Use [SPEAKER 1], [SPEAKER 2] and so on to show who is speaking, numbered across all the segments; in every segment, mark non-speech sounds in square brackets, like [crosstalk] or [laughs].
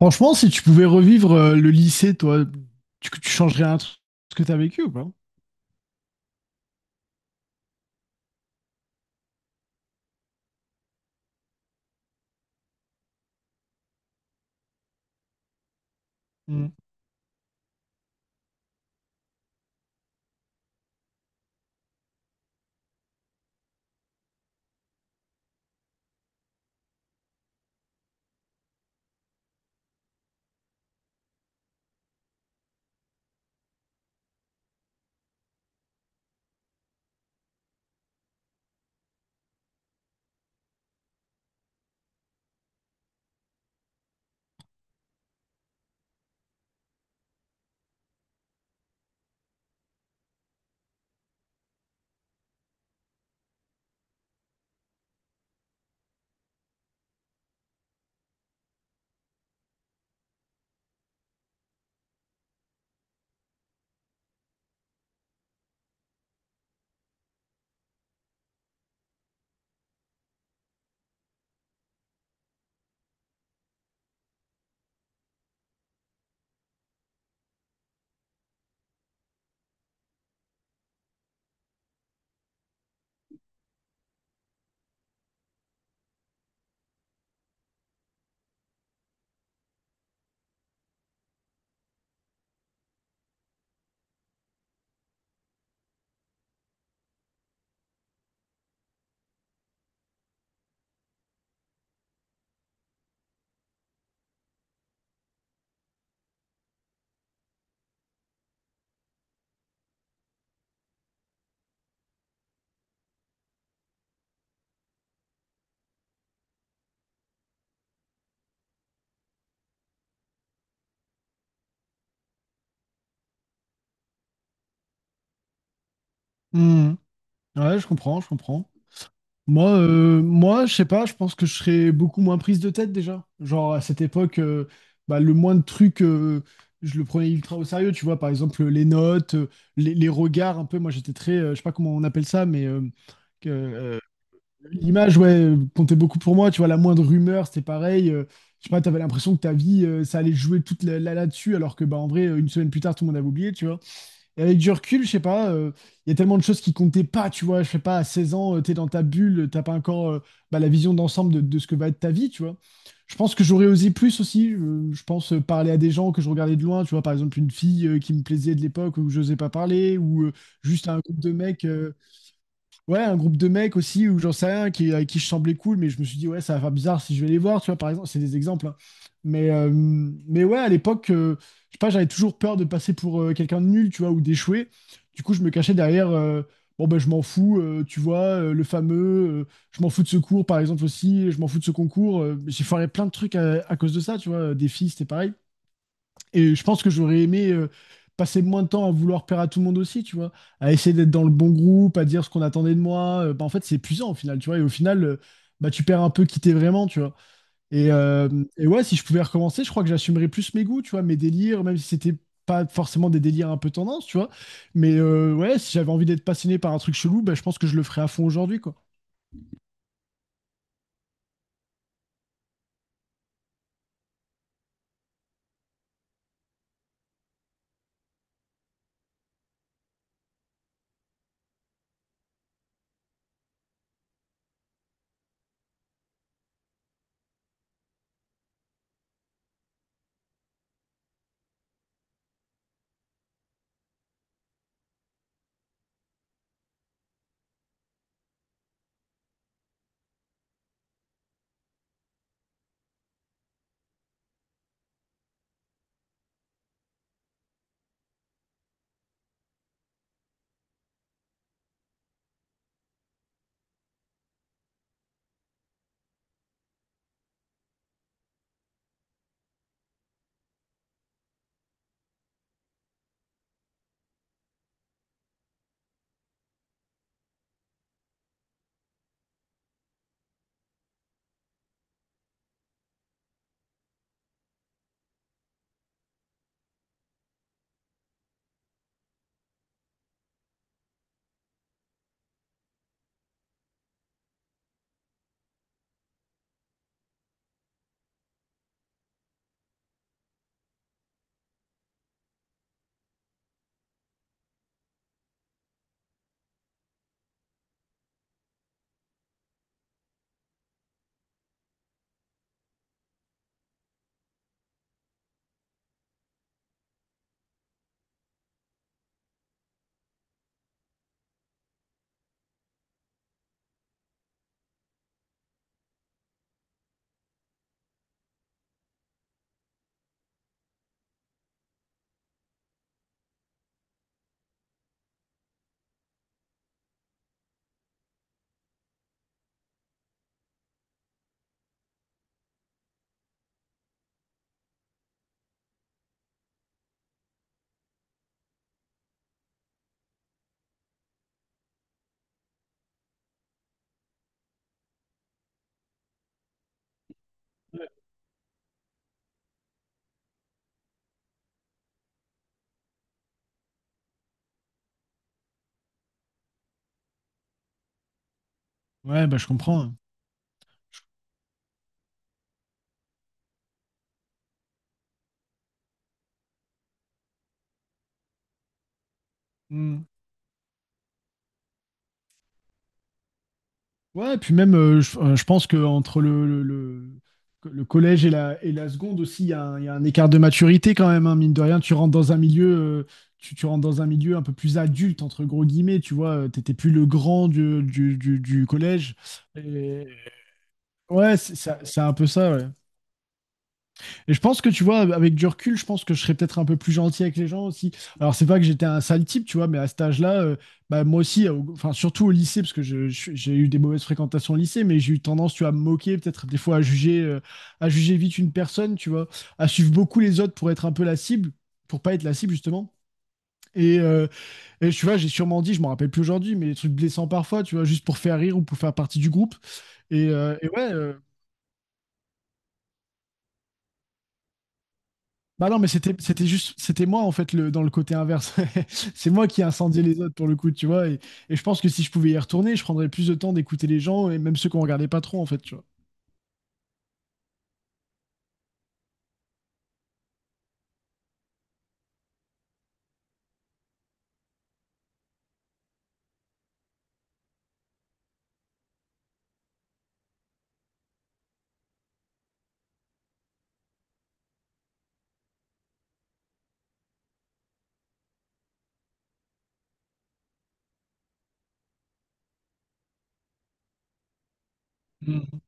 [SPEAKER 1] Franchement, si tu pouvais revivre le lycée, toi, tu changerais un truc, ce que tu as vécu ou pas? Mm. Mm. Ouais, je comprends, je comprends. Moi, moi, je sais pas, je pense que je serais beaucoup moins prise de tête déjà. Genre à cette époque, bah, le moins de trucs, je le prenais ultra au sérieux, tu vois, par exemple les notes, les regards un peu. Moi j'étais très, je sais pas comment on appelle ça, mais euh, l'image, ouais, comptait beaucoup pour moi. Tu vois, la moindre rumeur, c'était pareil. Je sais pas, t'avais l'impression que ta vie, ça allait jouer toute là-dessus, alors que, bah, en vrai, une semaine plus tard, tout le monde avait oublié, tu vois. Et avec du recul, je sais pas, il y a tellement de choses qui comptaient pas, tu vois. Je sais pas, à 16 ans, t'es dans ta bulle, t'as pas encore bah, la vision d'ensemble de ce que va être ta vie, tu vois. Je pense que j'aurais osé plus aussi. Je pense parler à des gens que je regardais de loin, tu vois, par exemple, une fille qui me plaisait de l'époque où j'osais pas parler, ou juste à un groupe de mecs. Ouais, un groupe de mecs aussi, ou j'en sais rien, qui, avec qui je semblais cool, mais je me suis dit, ouais, ça va faire bizarre si je vais les voir, tu vois, par exemple, c'est des exemples, hein. Mais ouais, à l'époque, je sais pas, j'avais toujours peur de passer pour quelqu'un de nul, tu vois, ou d'échouer. Du coup, je me cachais derrière, bon, ben, je m'en fous, tu vois, le fameux, euh, je m'en fous de ce cours, par exemple, aussi, je m'en fous de ce concours. J'ai foiré plein de trucs à cause de ça, tu vois, des filles, c'était pareil. Et je pense que j'aurais aimé passer moins de temps à vouloir plaire à tout le monde aussi, tu vois, à essayer d'être dans le bon groupe, à dire ce qu'on attendait de moi. Bah, en fait, c'est épuisant au final, tu vois. Et au final, bah, tu perds un peu qui t'es vraiment, tu vois. Et, euh, et ouais, si je pouvais recommencer, je crois que j'assumerais plus mes goûts, tu vois, mes délires, même si c'était pas forcément des délires un peu tendance, tu vois. Mais ouais, si j'avais envie d'être passionné par un truc chelou, bah, je pense que je le ferais à fond aujourd'hui, quoi. Ouais, bah, je comprends, hein. Hmm. Ouais, et puis même, je pense qu'entre le collège et et la seconde aussi, il y a un, il y a un écart de maturité quand même, hein, mine de rien. Tu rentres dans un milieu, tu rentres dans un milieu un peu plus adulte, entre gros guillemets, tu vois. T'étais plus le grand du collège. Et- Ouais, c'est ça, c'est un peu ça, ouais. Et je pense que tu vois, avec du recul, je pense que je serais peut-être un peu plus gentil avec les gens aussi. Alors, c'est pas que j'étais un sale type, tu vois, mais à cet âge-là, bah, moi aussi, enfin, surtout au lycée, parce que j'ai eu des mauvaises fréquentations au lycée, mais j'ai eu tendance, tu vois, à me moquer, peut-être des fois à juger vite une personne, tu vois, à suivre beaucoup les autres pour être un peu la cible, pour pas être la cible, justement. Et, euh, et tu vois, j'ai sûrement dit, je m'en rappelle plus aujourd'hui, mais des trucs blessants parfois, tu vois, juste pour faire rire ou pour faire partie du groupe. Et, bah non, mais c'était juste, c'était moi en fait, le dans le côté inverse. [laughs] C'est moi qui ai incendié les autres pour le coup, tu vois. Et je pense que si je pouvais y retourner, je prendrais plus de temps d'écouter les gens, et même ceux qu'on regardait pas trop en fait, tu vois. Mm.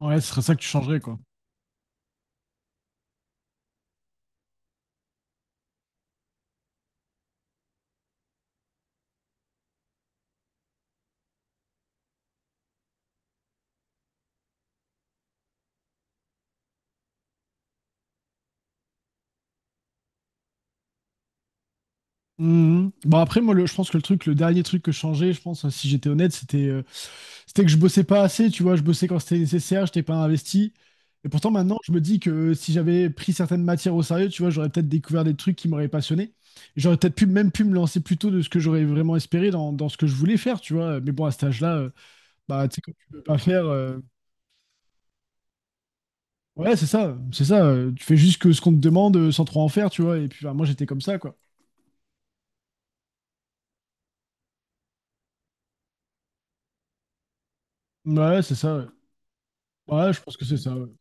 [SPEAKER 1] Ouais, ce serait ça que tu changerais, quoi. Mhm. Bon après moi, le, je pense que le truc, le dernier truc que je changeais je pense, hein, si j'étais honnête, c'était c'était que je bossais pas assez, tu vois. Je bossais quand c'était nécessaire, j'étais pas investi. Et pourtant maintenant je me dis que si j'avais pris certaines matières au sérieux, tu vois, j'aurais peut-être découvert des trucs qui m'auraient passionné. J'aurais peut-être pu même pu me lancer plus tôt de ce que j'aurais vraiment espéré dans, dans ce que je voulais faire, tu vois. Mais bon, à cet âge-là, bah tu sais, quand tu peux pas faire, ouais c'est ça, c'est ça. Tu fais juste que ce qu'on te demande, sans trop en faire, tu vois. Et puis bah, moi j'étais comme ça, quoi. Ouais c'est ça, ouais. Ouais, je pense que c'est ça, ouais.